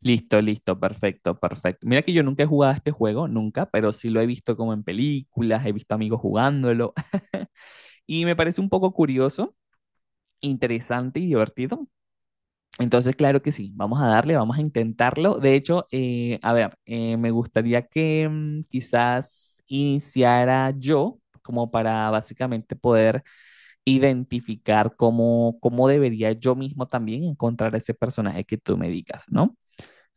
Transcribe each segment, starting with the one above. Listo, listo, perfecto, perfecto. Mira que yo nunca he jugado a este juego, nunca, pero sí lo he visto como en películas, he visto amigos jugándolo y me parece un poco curioso, interesante y divertido. Entonces, claro que sí, vamos a darle, vamos a intentarlo. De hecho, a ver, me gustaría que quizás iniciara yo como para básicamente poder identificar cómo, cómo debería yo mismo también encontrar ese personaje que tú me digas, ¿no?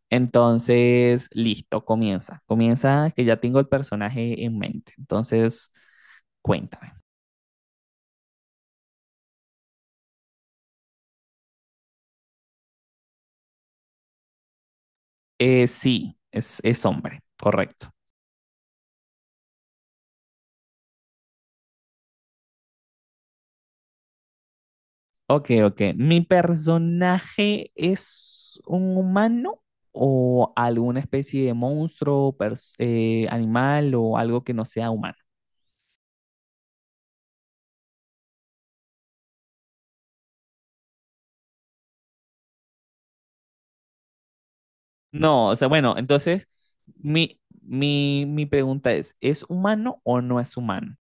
Entonces, listo, comienza. Comienza que ya tengo el personaje en mente. Entonces, cuéntame. Sí, es hombre, correcto. Ok, ok. ¿Mi personaje es un humano o alguna especie de monstruo, animal o algo que no sea humano? No, o sea, bueno, entonces mi pregunta ¿es humano o no es humano?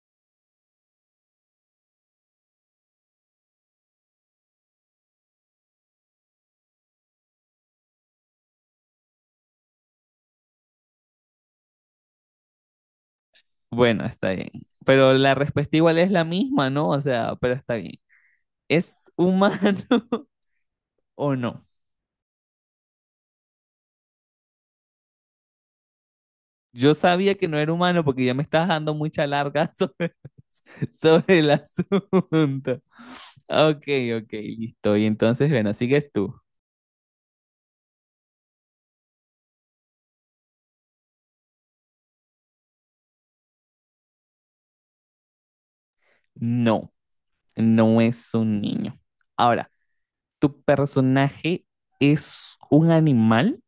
Bueno, está bien. Pero la respuesta igual es la misma, ¿no? O sea, pero está bien. ¿Es humano o no? Yo sabía que no era humano porque ya me estás dando mucha larga sobre el asunto. Ok, ok, listo. Y entonces, bueno, sigues tú. No, no es un niño. Ahora, ¿tu personaje es un animal?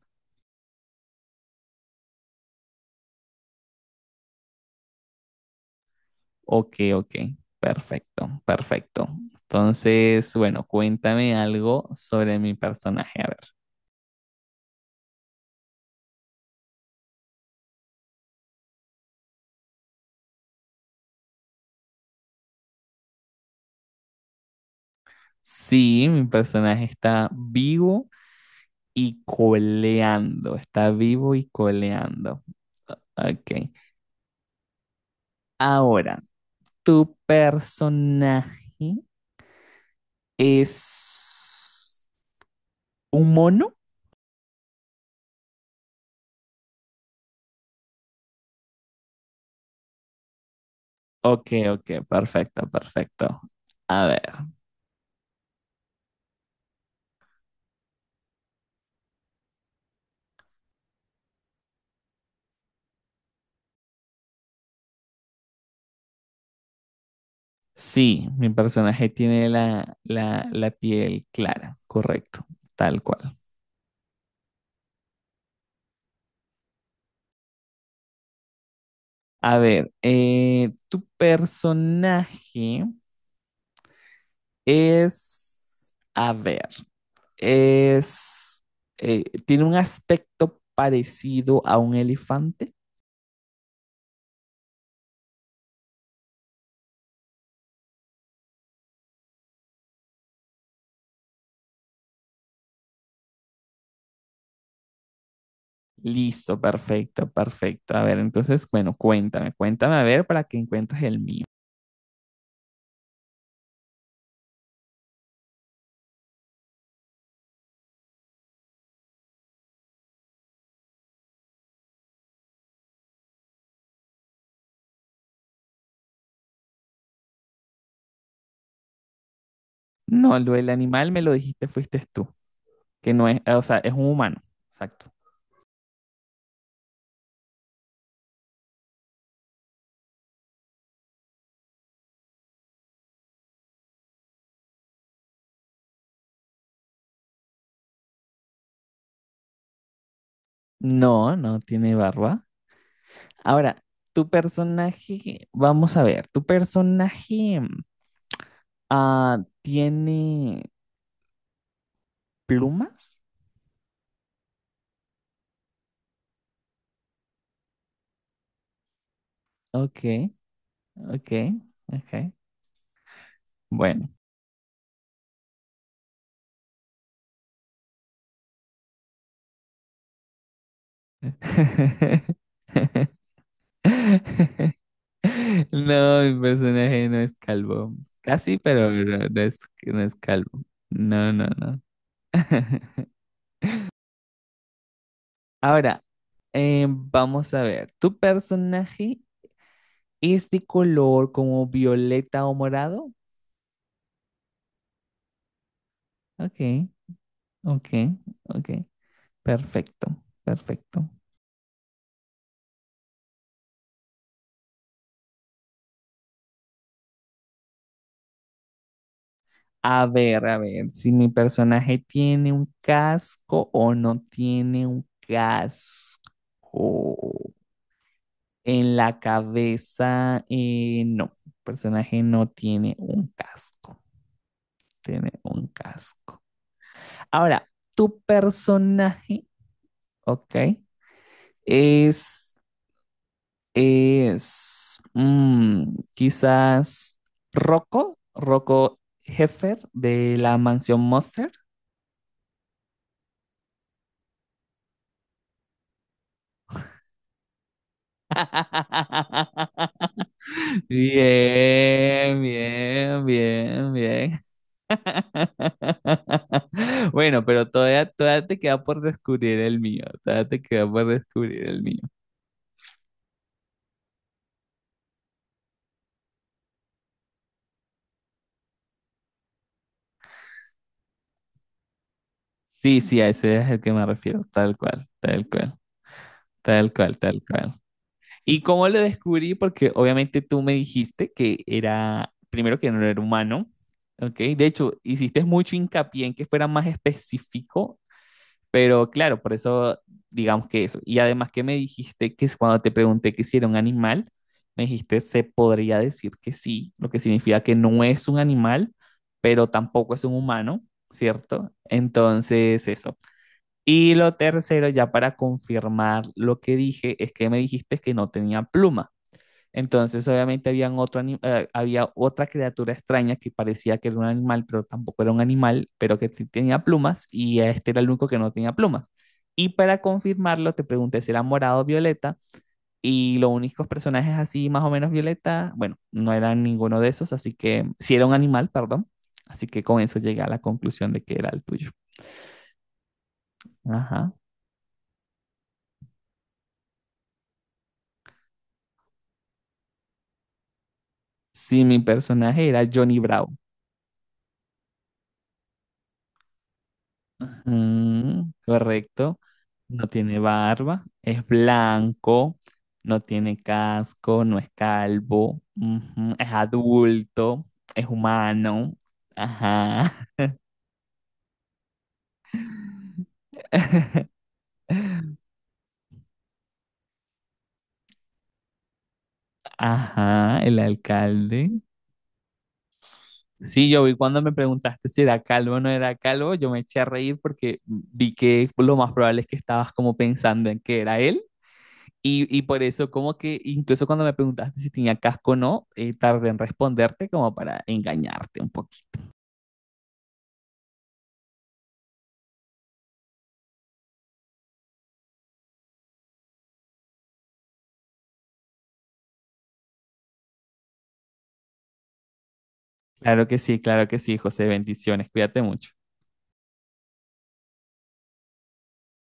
Ok, ok, perfecto, perfecto. Entonces, bueno, cuéntame algo sobre mi personaje. A ver, sí, mi personaje está vivo y coleando, está vivo y coleando. Ok, ahora, ¿tu personaje es un mono? Ok, ok, perfecto, perfecto. A ver, sí, mi personaje tiene la piel clara, correcto, tal cual. A ver, tu personaje es, a ver, es, tiene un aspecto parecido a un elefante. Listo, perfecto, perfecto. A ver, entonces, bueno, cuéntame, cuéntame a ver para que encuentres el mío. No, lo del animal me lo dijiste, fuiste tú, que no es, o sea, es un humano, exacto. No, no tiene barba. Ahora, tu personaje, vamos a ver, tu personaje. Ah, ¿tiene plumas? Ok, ok, ok. Bueno. No, mi personaje no es calvo. Casi, pero no no es calvo. No, no, no. Ahora, vamos a ver. ¿Tu personaje es de color como violeta o morado? Ok, ok, ok. Perfecto, perfecto. A ver, si mi personaje tiene un casco o no tiene un casco. En la cabeza, no, el personaje no tiene un casco, tiene un casco. Ahora, tu personaje, ok, es, es, quizás Rocco, Rocco Heffer de la Mansión Monster. Bien, bien, bien, bien. Bueno, pero todavía, todavía te queda por descubrir el mío. Todavía te queda por descubrir el mío. Sí, sí, a ese es el que me refiero. Tal cual, tal cual, tal cual, tal cual. ¿Y cómo lo descubrí? Porque obviamente tú me dijiste que era, primero que no era humano, ¿ok? De hecho, hiciste mucho hincapié en que fuera más específico. Pero claro, por eso digamos que eso. Y además que me dijiste que es cuando te pregunté que si era un animal, me dijiste se podría decir que sí, lo que significa que no es un animal, pero tampoco es un humano, ¿cierto? Entonces, eso. Y lo tercero, ya para confirmar lo que dije, es que me dijiste que no tenía pluma. Entonces, obviamente, habían había otra criatura extraña que parecía que era un animal, pero tampoco era un animal, pero que sí tenía plumas, y este era el único que no tenía plumas. Y para confirmarlo, te pregunté si era morado o violeta, y los únicos personajes así, más o menos violeta, bueno, no eran ninguno de esos, así que si era un animal, perdón. Así que con eso llegué a la conclusión de que era el tuyo. Ajá. Sí, mi personaje era Johnny Bravo. Mm, correcto. No tiene barba, es blanco, no tiene casco, no es calvo, ujú, es adulto, es humano. Ajá. Ajá, el alcalde. Sí, yo vi cuando me preguntaste si era calvo o no era calvo, yo me eché a reír porque vi que lo más probable es que estabas como pensando en que era él. Y por eso como que incluso cuando me preguntaste si tenía casco o no, tardé en responderte como para engañarte un poquito. Claro que sí, José. Bendiciones. Cuídate mucho.